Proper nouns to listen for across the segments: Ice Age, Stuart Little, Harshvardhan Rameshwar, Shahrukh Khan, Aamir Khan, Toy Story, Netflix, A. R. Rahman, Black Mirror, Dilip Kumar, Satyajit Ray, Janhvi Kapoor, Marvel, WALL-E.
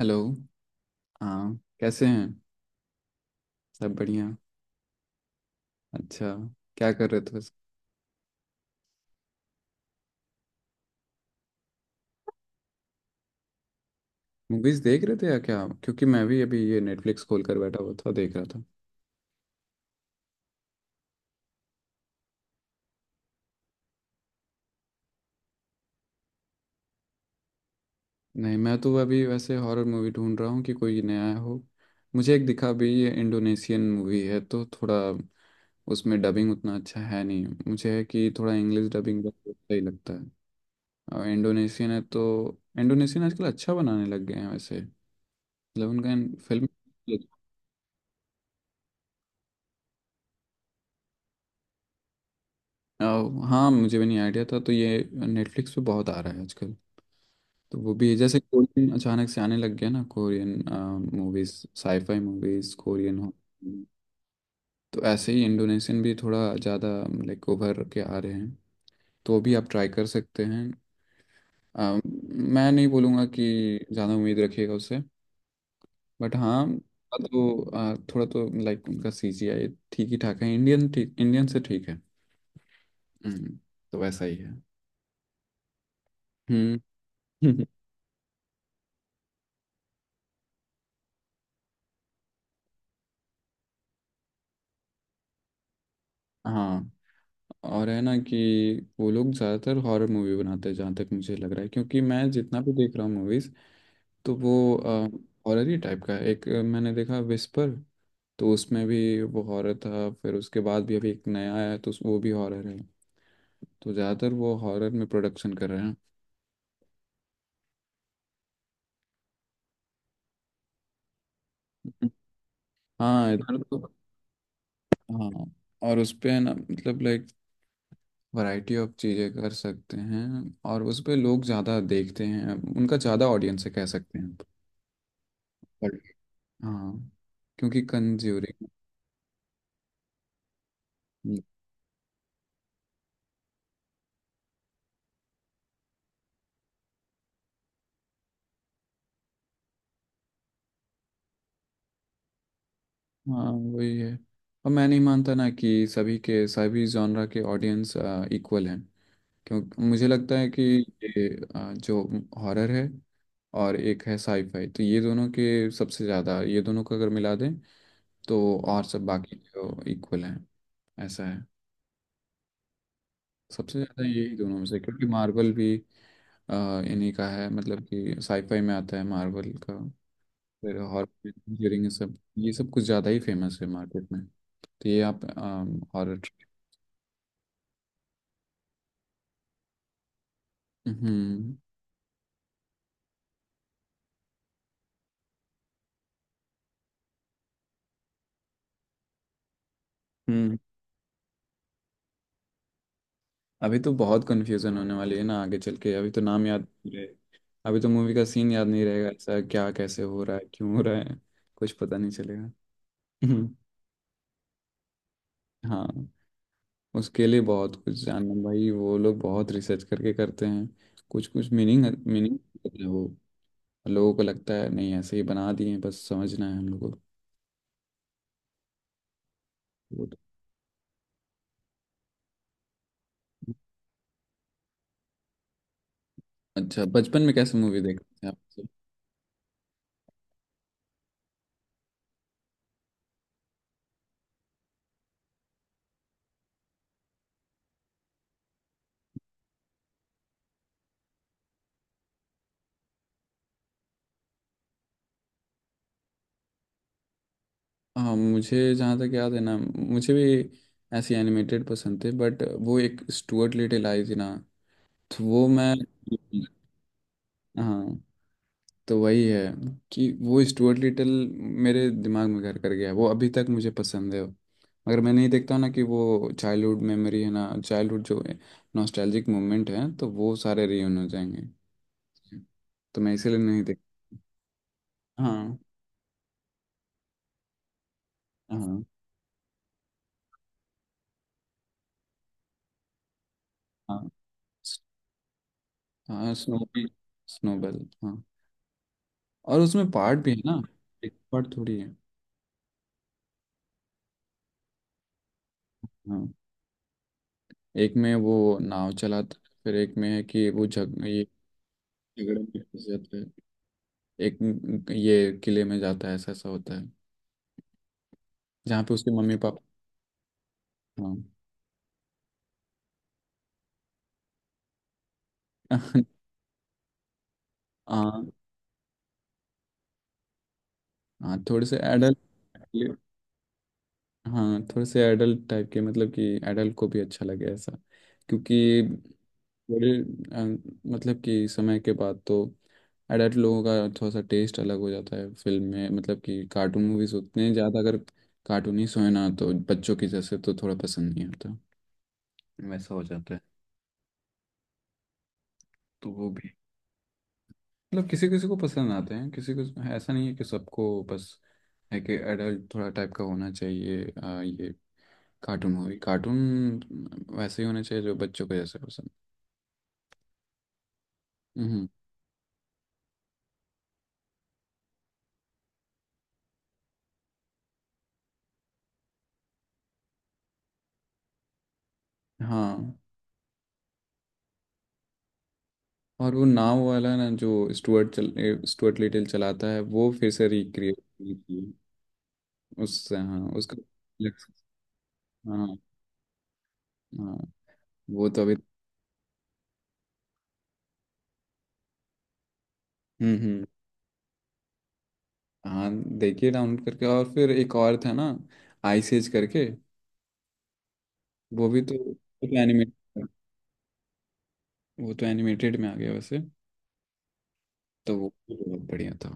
Hello. हाँ कैसे हैं। सब बढ़िया। अच्छा, क्या कर रहे थे। मूवीज देख रहे थे या क्या, क्योंकि मैं भी अभी ये नेटफ्लिक्स खोल कर बैठा हुआ था, देख रहा था। नहीं, मैं तो अभी वैसे हॉरर मूवी ढूंढ रहा हूँ कि कोई नया हो। मुझे एक दिखा भी, ये इंडोनेशियन मूवी है तो थोड़ा, उसमें डबिंग उतना अच्छा है नहीं, मुझे है कि थोड़ा इंग्लिश डबिंग बस सही लगता है। और इंडोनेशियन है तो, इंडोनेशियन आजकल अच्छा बनाने लग गए हैं वैसे। मतलब उनका फिल्म। अ, हाँ, मुझे भी नहीं आइडिया था, तो ये नेटफ्लिक्स पे बहुत आ रहा है आजकल। तो वो भी है, जैसे कोरियन अचानक से आने लग गया ना, Korean movies, sci-fi movies Korean हो। तो ऐसे ही इंडोनेशियन भी थोड़ा ज़्यादा लाइक उभर के आ रहे हैं। तो वो भी आप ट्राई कर सकते हैं। मैं नहीं बोलूँगा कि ज़्यादा उम्मीद रखिएगा उससे, बट हाँ। तो थोड़ा तो लाइक उनका सीजीआई ठीक ही ठाक है। इंडियन ठीक, इंडियन से ठीक है। हम्म, तो वैसा ही है। हम्म। हाँ। और है ना कि वो लोग ज़्यादातर हॉरर मूवी बनाते हैं जहाँ तक मुझे लग रहा है, क्योंकि मैं जितना भी देख रहा हूँ मूवीज़, तो वो हॉरर ही टाइप का है। एक मैंने देखा विस्पर, तो उसमें भी वो हॉरर था। फिर उसके बाद भी अभी एक नया आया है, तो वो भी हॉरर है। तो ज़्यादातर वो हॉरर में प्रोडक्शन कर रहे हैं। हाँ इधर तो। हाँ। और उस पे है ना, मतलब लाइक वैरायटी ऑफ चीज़ें कर सकते हैं। और उस पे लोग ज़्यादा देखते हैं, उनका ज़्यादा ऑडियंस है कह सकते हैं। हाँ, क्योंकि कंज्यूरिंग। हाँ वही है। और मैं नहीं मानता ना कि सभी के सभी जॉनरा के ऑडियंस इक्वल हैं। क्यों मुझे लगता है कि ये जो हॉरर है और एक है साईफाई, तो ये दोनों के सबसे ज़्यादा, ये दोनों को अगर मिला दें तो, और सब बाकी जो इक्वल हैं ऐसा है। सबसे ज़्यादा यही दोनों में से, क्योंकि मार्वल भी अ, इन्हीं का है, मतलब कि साईफाई में आता है मार्वल का। फिर हॉरर ड्यूरिंग ये सब, ये सब कुछ ज़्यादा ही फेमस है मार्केट में। तो ये आप हॉरर। हम्म। हम्म। अभी तो बहुत कंफ्यूजन होने वाली है ना आगे चल के, अभी तो नाम याद नहीं रहे। अभी तो मूवी का सीन याद नहीं रहेगा, ऐसा क्या कैसे हो रहा है क्यों हो रहा है, कुछ पता नहीं चलेगा। हम्म। हाँ, उसके लिए बहुत कुछ जानना भाई, वो लोग बहुत रिसर्च करके करते हैं। कुछ कुछ मीनिंग मीनिंग वो, लोगों को लगता है नहीं ऐसे ही बना दिए हैं, बस समझना है हम लोगों को। अच्छा, बचपन में कैसे मूवी देखते थे आप। हाँ, मुझे जहाँ तक याद है ना, मुझे भी ऐसी एनिमेटेड पसंद थे, बट वो एक स्टुअर्ट लिटिल आई थी ना, तो वो मैं। हाँ, तो वही है कि वो स्टुअर्ट लिटिल मेरे दिमाग में घर कर गया है, वो अभी तक मुझे पसंद है। मगर मैं नहीं देखता हूँ ना कि वो चाइल्डहुड मेमोरी है ना, चाइल्डहुड जो नॉस्टैल्जिक मोमेंट है, तो वो सारे रियून हो जाएंगे। तो मैं इसीलिए नहीं देख। हाँ। हाँ। हाँ हाँ। स्नोबी। स्नोबेल। हाँ। और उसमें पार्ट भी है ना, एक पार्ट थोड़ी है। हाँ। एक में वो नाव चलाता है, फिर एक में है कि वो झग ये झगड़े में फंस जाता है। ये किले में जाता है, ऐसा ऐसा होता है, जहाँ पे उसके मम्मी पापा। हाँ। हाँ। हाँ, थोड़े से एडल्ट। हाँ, थोड़े से एडल्ट टाइप के, मतलब कि एडल्ट को भी अच्छा लगे ऐसा। क्योंकि बड़े अ, मतलब कि समय के बाद तो एडल्ट लोगों का थोड़ा सा टेस्ट अलग हो जाता है फिल्म में, मतलब कि कार्टून मूवीज उतने ज़्यादा अगर कार्टूनी सो है ना, तो बच्चों की जैसे तो थोड़ा पसंद नहीं आता, वैसा हो जाता है। तो वो भी, मतलब किसी किसी को पसंद आते हैं किसी को, ऐसा नहीं है कि सबको बस है कि एडल्ट थोड़ा टाइप का होना चाहिए। ये कार्टून मूवी, कार्टून वैसे ही होना चाहिए जो बच्चों को जैसे पसंद। हम्म। हाँ। और वो नाव वाला ना जो स्टुअर्ट स्टुअर्ट लिटिल चलाता है, वो फिर से रिक्रिएट किए उससे। हाँ उसका। हाँ। हाँ वो तो अभी। हम्म। हम्म। हाँ, देखिए डाउनलोड करके। और फिर एक और था ना, आइस एज करके, वो भी तो, तो एनिमेट वो तो एनिमेटेड में आ गया वैसे, तो वो भी बहुत बढ़िया था।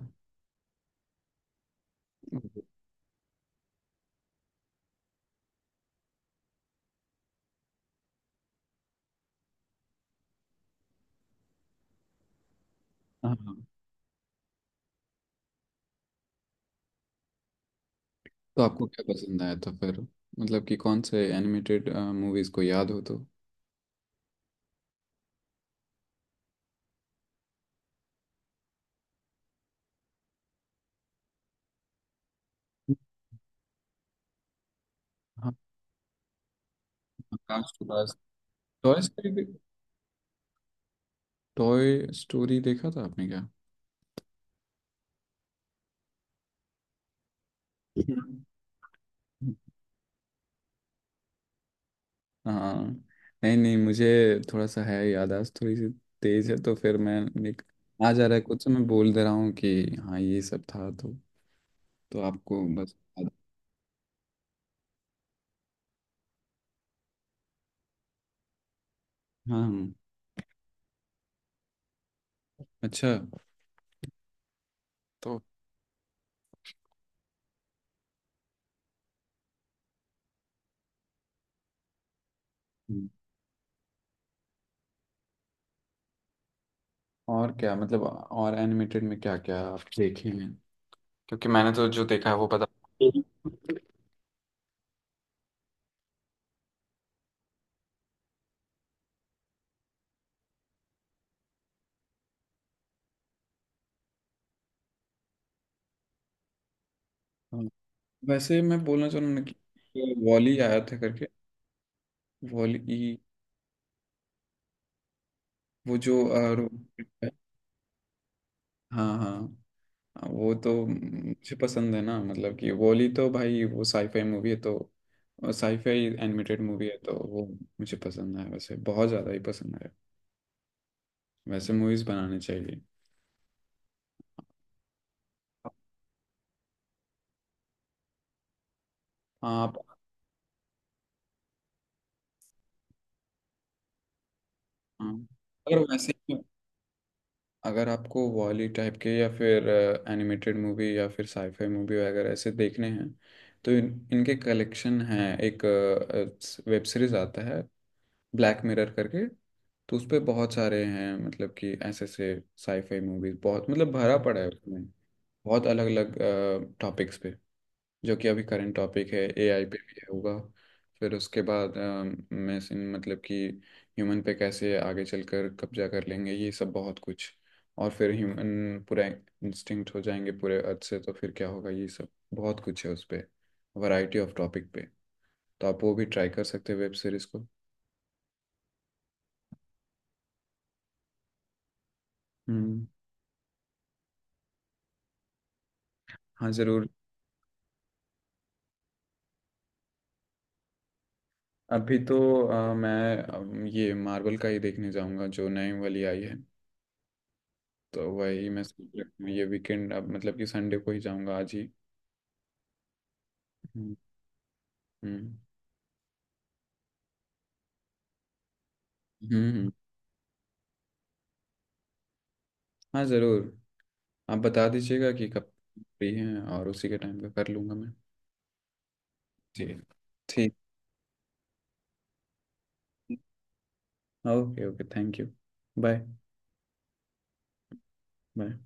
हाँ हाँ। तो आपको क्या पसंद आया था फिर, मतलब कि कौन से एनिमेटेड मूवीज को याद हो तो। हाँ। आकाश टू पास, टॉय स्टोरी, टॉय स्टोरी देखा था आपने क्या। हम्म। हाँ। नहीं नहीं, मुझे थोड़ा सा है, याददाश्त थोड़ी सी तेज है, तो फिर मैं निक, आ जा रहा है कुछ, मैं बोल दे रहा हूँ कि हाँ ये सब था, तो आपको हाँ हाँ, अच्छा। तो हम्म, और क्या, मतलब और एनिमेटेड में क्या क्या आप देखे हैं, क्योंकि मैंने तो जो देखा है वो पता। हाँ, वैसे मैं बोलना चाह रहा हूँ ना कि वॉली आया था करके, वॉली, वो जो हाँ हाँ हाँ, वो तो मुझे पसंद है ना, मतलब कि वॉली तो भाई, वो साईफाई मूवी है तो, साईफाई एनिमेटेड मूवी है, तो वो मुझे पसंद है, वैसे बहुत ज़्यादा ही पसंद है। वैसे मूवीज़ बनाने चाहिए। हाँ आप। हाँ, अगर वैसे ही, अगर आपको वॉली टाइप के या फिर एनिमेटेड मूवी या फिर साईफाई मूवी वगैरह ऐसे देखने हैं, तो इनके कलेक्शन हैं। एक वेब सीरीज आता है ब्लैक मिरर करके, तो उस पे बहुत सारे हैं, मतलब कि ऐसे ऐसे साईफाई मूवीज, बहुत मतलब भरा पड़ा है उसमें। बहुत अलग अलग टॉपिक्स पे, जो कि अभी करंट टॉपिक है एआई पे भी होगा। फिर उसके बाद मशीन, मतलब कि ह्यूमन पे कैसे आगे चलकर कब्जा कर लेंगे ये सब, बहुत कुछ। और फिर ह्यूमन पूरा इंस्टिंक्ट हो जाएंगे पूरे अर्थ से, तो फिर क्या होगा ये सब, बहुत कुछ है उस पे। वैरायटी ऑफ टॉपिक पे, तो आप वो भी ट्राई कर सकते हैं वेब सीरीज को। हम्म। हाँ ज़रूर। अभी तो मैं ये मार्वल का ही देखने जाऊंगा जो नई वाली आई है। तो वही मैं सोच रहा हूँ, ये वीकेंड, अब मतलब कि संडे को ही जाऊंगा, आज ही। हम्म। हम्म। हम्म। हाँ ज़रूर। आप बता दीजिएगा कि कब फ्री हैं, और उसी के टाइम पे कर लूँगा मैं। जी। ठीक। Okay okay, thank you. Bye. Bye.